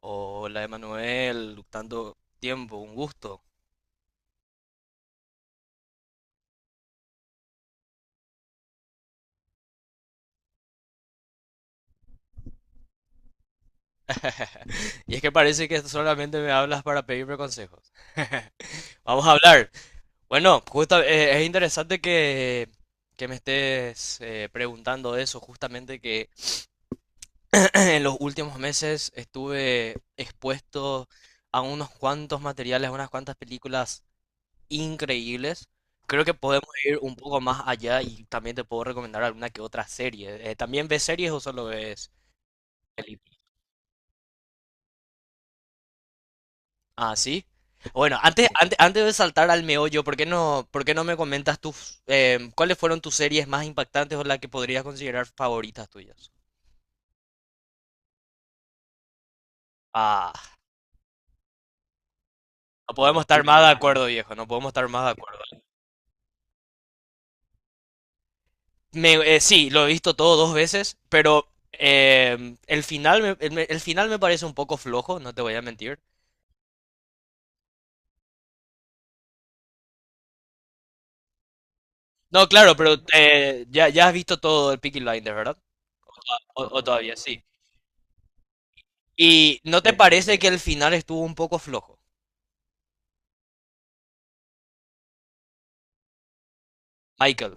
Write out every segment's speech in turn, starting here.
Hola, Emanuel, luctando tiempo, un gusto. Y es que parece que solamente me hablas para pedirme consejos. Vamos a hablar. Bueno, es interesante que me estés preguntando eso, justamente que en los últimos meses estuve expuesto a unos cuantos materiales, a unas cuantas películas increíbles. Creo que podemos ir un poco más allá y también te puedo recomendar alguna que otra serie. ¿También ves series o solo ves? Elite. Ah, sí. Bueno, antes de saltar al meollo, ¿por qué no me comentas tus, cuáles fueron tus series más impactantes o las que podrías considerar favoritas tuyas? Ah, no podemos estar más de acuerdo, viejo, no podemos estar más de acuerdo. Sí, lo he visto todo dos veces, pero el final me parece un poco flojo, no te voy a mentir. No, claro, pero ya has visto todo el Peaky Blinders, ¿verdad? O todavía, sí. ¿Y no te, sí, parece que el final estuvo un poco flojo, Michael?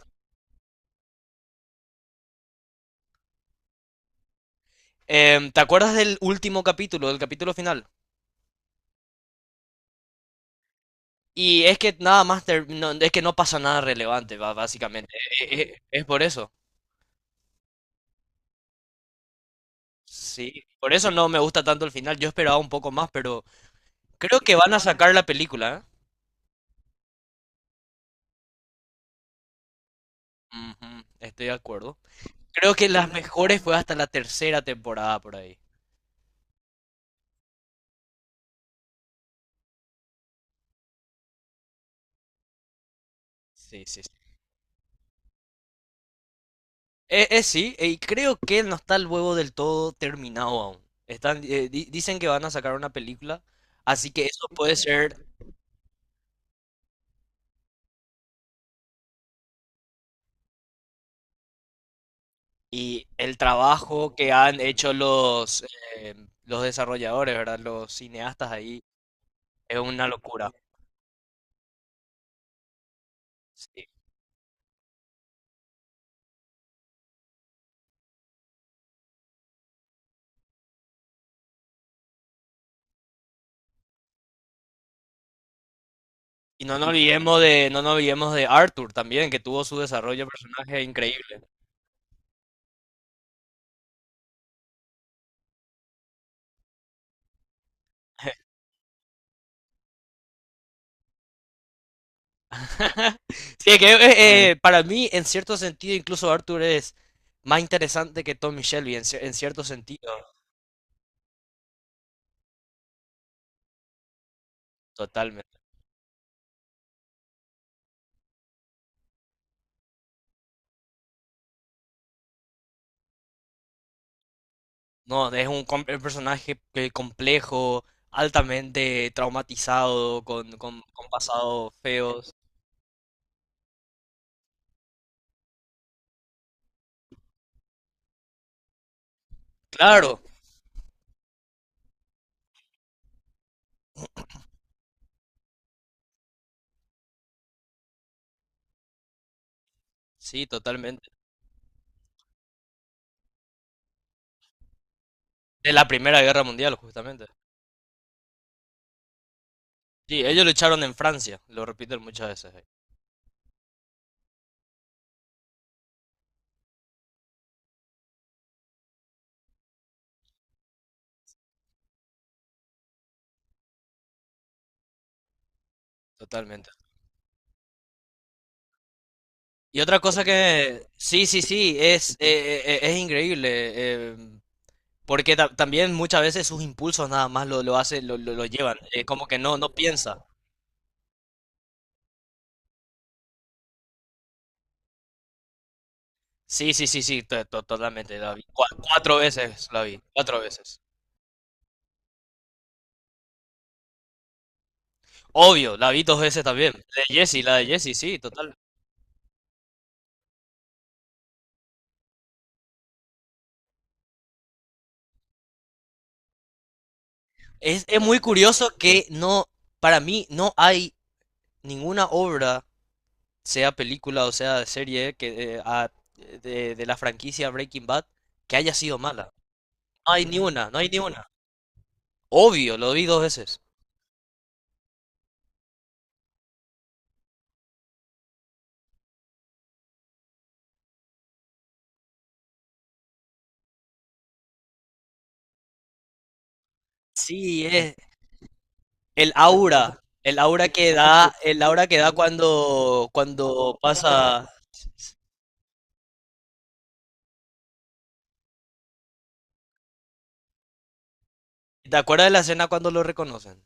¿Te acuerdas del último capítulo, del capítulo final? Y es que nada más, es que no pasa nada relevante, básicamente. Es por eso. Sí, por eso no me gusta tanto el final. Yo esperaba un poco más, pero creo que van a sacar la película, ¿eh? Ujú, estoy de acuerdo. Creo que las mejores fue hasta la tercera temporada por ahí. Sí, sí, sí. Sí, y creo que no está el huevo del todo terminado aún. Están, dicen que van a sacar una película, así que eso puede ser. Y el trabajo que han hecho eh, los desarrolladores, ¿verdad? Los cineastas ahí, es una locura. Sí. Y no nos olvidemos de Arthur también, que tuvo su desarrollo de personaje increíble. Sí, es que para mí, en cierto sentido, incluso Arthur es más interesante que Tommy Shelby, en cierto sentido, totalmente. No, es un personaje complejo, altamente traumatizado, con pasados feos. Claro, sí, totalmente. De la Primera Guerra Mundial, justamente. Sí, ellos lucharon en Francia, lo repiten muchas veces. Totalmente. Y otra cosa que, sí, sí, sí, es increíble, eh, porque también muchas veces sus impulsos nada más lo hace, lo llevan, como que no piensa. Sí, sí, sí, sí, totalmente, la vi. Cuatro veces la vi, cuatro veces. Obvio, la vi dos veces también. La de Jesse, sí, total. Es muy curioso que no, para mí no hay ninguna obra sea película o sea serie que, de la franquicia Breaking Bad que haya sido mala. No hay ni una, no hay ni una. Obvio, lo vi dos veces. Sí, es el aura que da, el aura que da cuando pasa. ¿Te acuerdas de la escena cuando lo reconocen?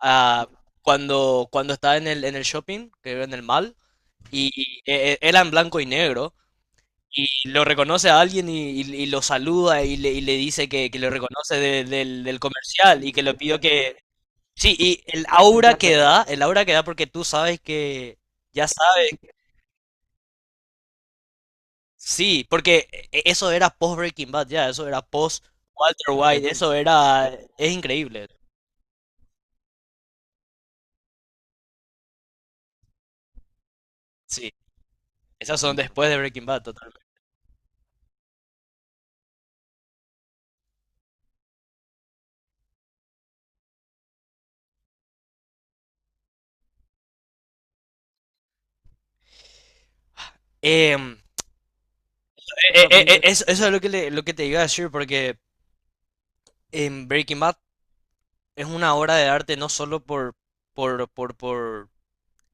Ah, cuando está en el shopping, que en el mall, y era en blanco y negro. Y lo reconoce a alguien y lo saluda y le dice que lo reconoce del comercial y que le pidió que. Sí, y el aura que da, el aura que da porque tú sabes que. Ya sabes, sí, porque eso era post Breaking Bad, ya, eso era post Walter White, eso era. Es increíble, sí. Esas son después de Breaking Bad, totalmente. Em, eso es lo que te iba a decir, porque en Breaking Bad es una obra de arte no solo por, por, por, por,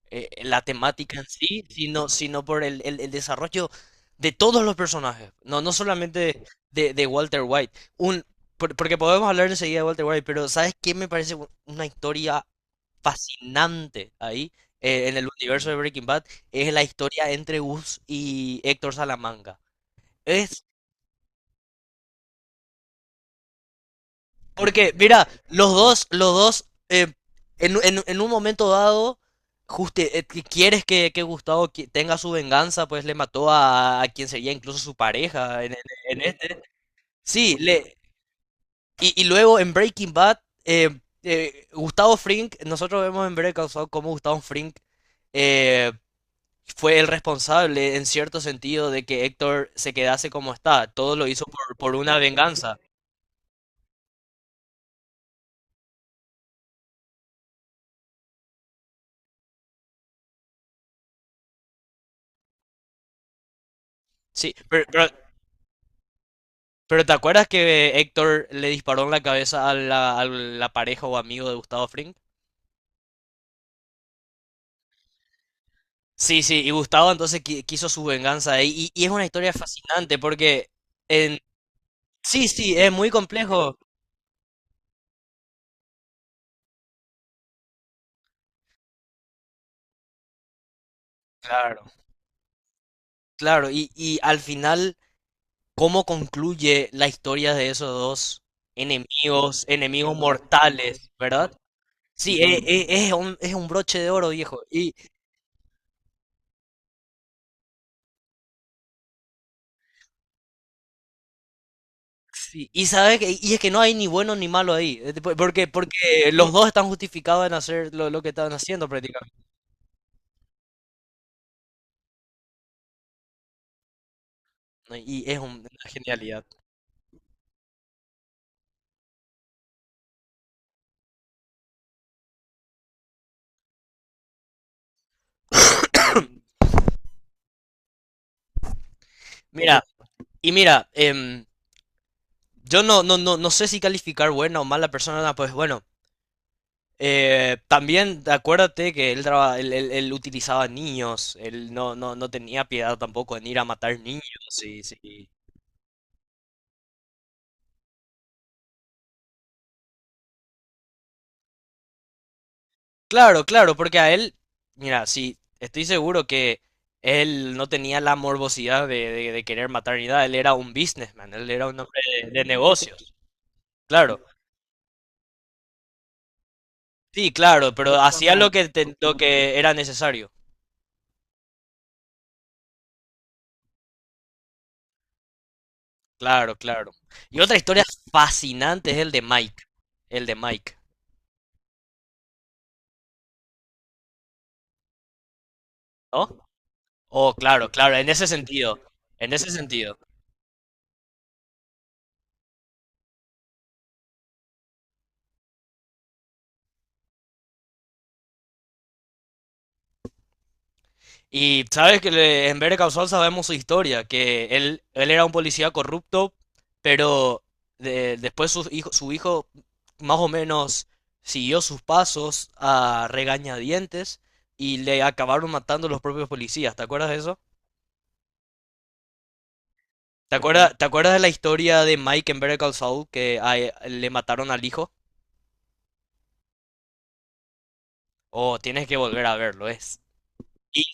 eh, la temática en sí, sino por el desarrollo de todos los personajes. No, no solamente de Walter White. Porque podemos hablar enseguida de Walter White, pero ¿sabes qué me parece una historia fascinante ahí? En el universo de Breaking Bad es la historia entre Gus y Héctor Salamanca. Es. Porque, mira, los dos, los dos, en un momento dado, justo, quieres que Gustavo tenga su venganza, pues le mató a quien sería incluso su pareja en este. Sí, le. Y luego en Breaking Bad, eh, Gustavo Fring, nosotros vemos en Breaking Bad cómo Gustavo Fring eh, fue el responsable, en cierto sentido, de que Héctor se quedase como está. Todo lo hizo por una venganza. Sí, pero. Pero ¿te acuerdas que Héctor le disparó en la cabeza a la pareja o amigo de Gustavo Fring? Sí, sí, y Gustavo entonces quiso su venganza ahí. Y es una historia fascinante porque en. Sí, sí, es muy complejo. Claro, claro. Y al final, ¿cómo concluye la historia de esos dos enemigos, enemigos mortales, verdad? Sí, es un broche de oro, viejo. Sí, y sabes que, y es que no hay ni bueno ni malo ahí, porque los dos están justificados en hacer lo que están haciendo prácticamente, ¿no? Y es una genialidad. Mira, mira, yo no sé si calificar buena o mala persona, no, pues bueno, también acuérdate que él utilizaba niños, él no tenía piedad tampoco en ir a matar niños, sí, sí. Claro, claro, porque a él, mira, sí, estoy seguro que él no tenía la morbosidad de querer matar ni nada, él era un businessman, él era un hombre de negocios, claro, sí, claro, pero hacía lo que era necesario, claro, claro. Y otra historia fascinante es el de Mike, ¿no? Oh, claro, claro, en ese sentido, en ese sentido. Y sabes que en Better Call Saul sabemos su historia, que él era un policía corrupto, pero después su hijo más o menos siguió sus pasos a regañadientes y le acabaron matando los propios policías. ¿Te acuerdas de eso? ¿Te acuerdas de la historia de Mike en Better Call Saul que le mataron al hijo? Oh, tienes que volver a verlo, es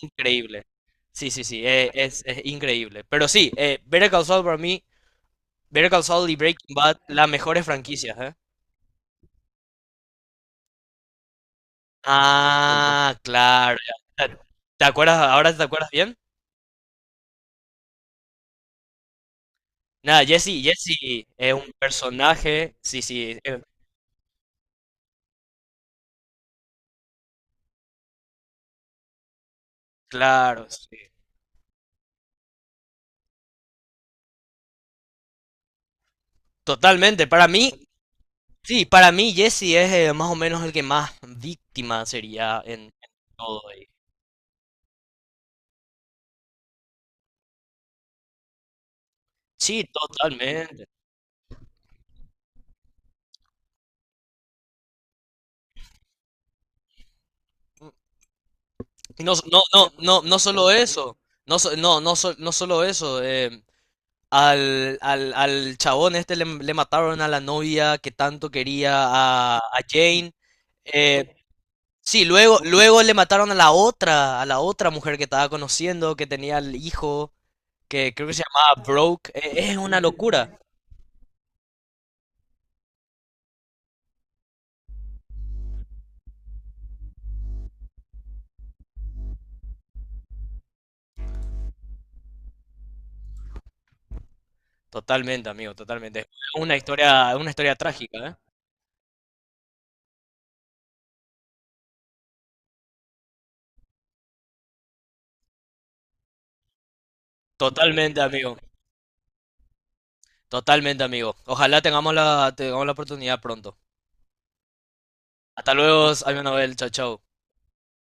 increíble. Sí, sí, sí, es increíble. Pero sí, Better Call Saul y Breaking Bad, las mejores franquicias, ¿eh? Ah, claro. Ya. ¿Te acuerdas? ¿Ahora te acuerdas bien? Nada, Jesse, Jesse es un personaje. Sí, sí, claro, sí. Totalmente. Sí, para mí Jesse es más o menos el que más víctima sería en todo. Ahí. Sí, totalmente. No, no, no, no, no solo eso, no solo eso, Al chabón este le mataron a la novia que tanto quería a Jane. Eh, sí, luego le mataron a la otra mujer que estaba conociendo, que tenía el hijo, que creo que se llamaba Broke. Es una locura. Totalmente, amigo, totalmente. Es una historia trágica, ¿eh? Totalmente, amigo. Totalmente, amigo. Ojalá tengamos tengamos la oportunidad pronto. Hasta luego, amigo Abel. Chao, chao.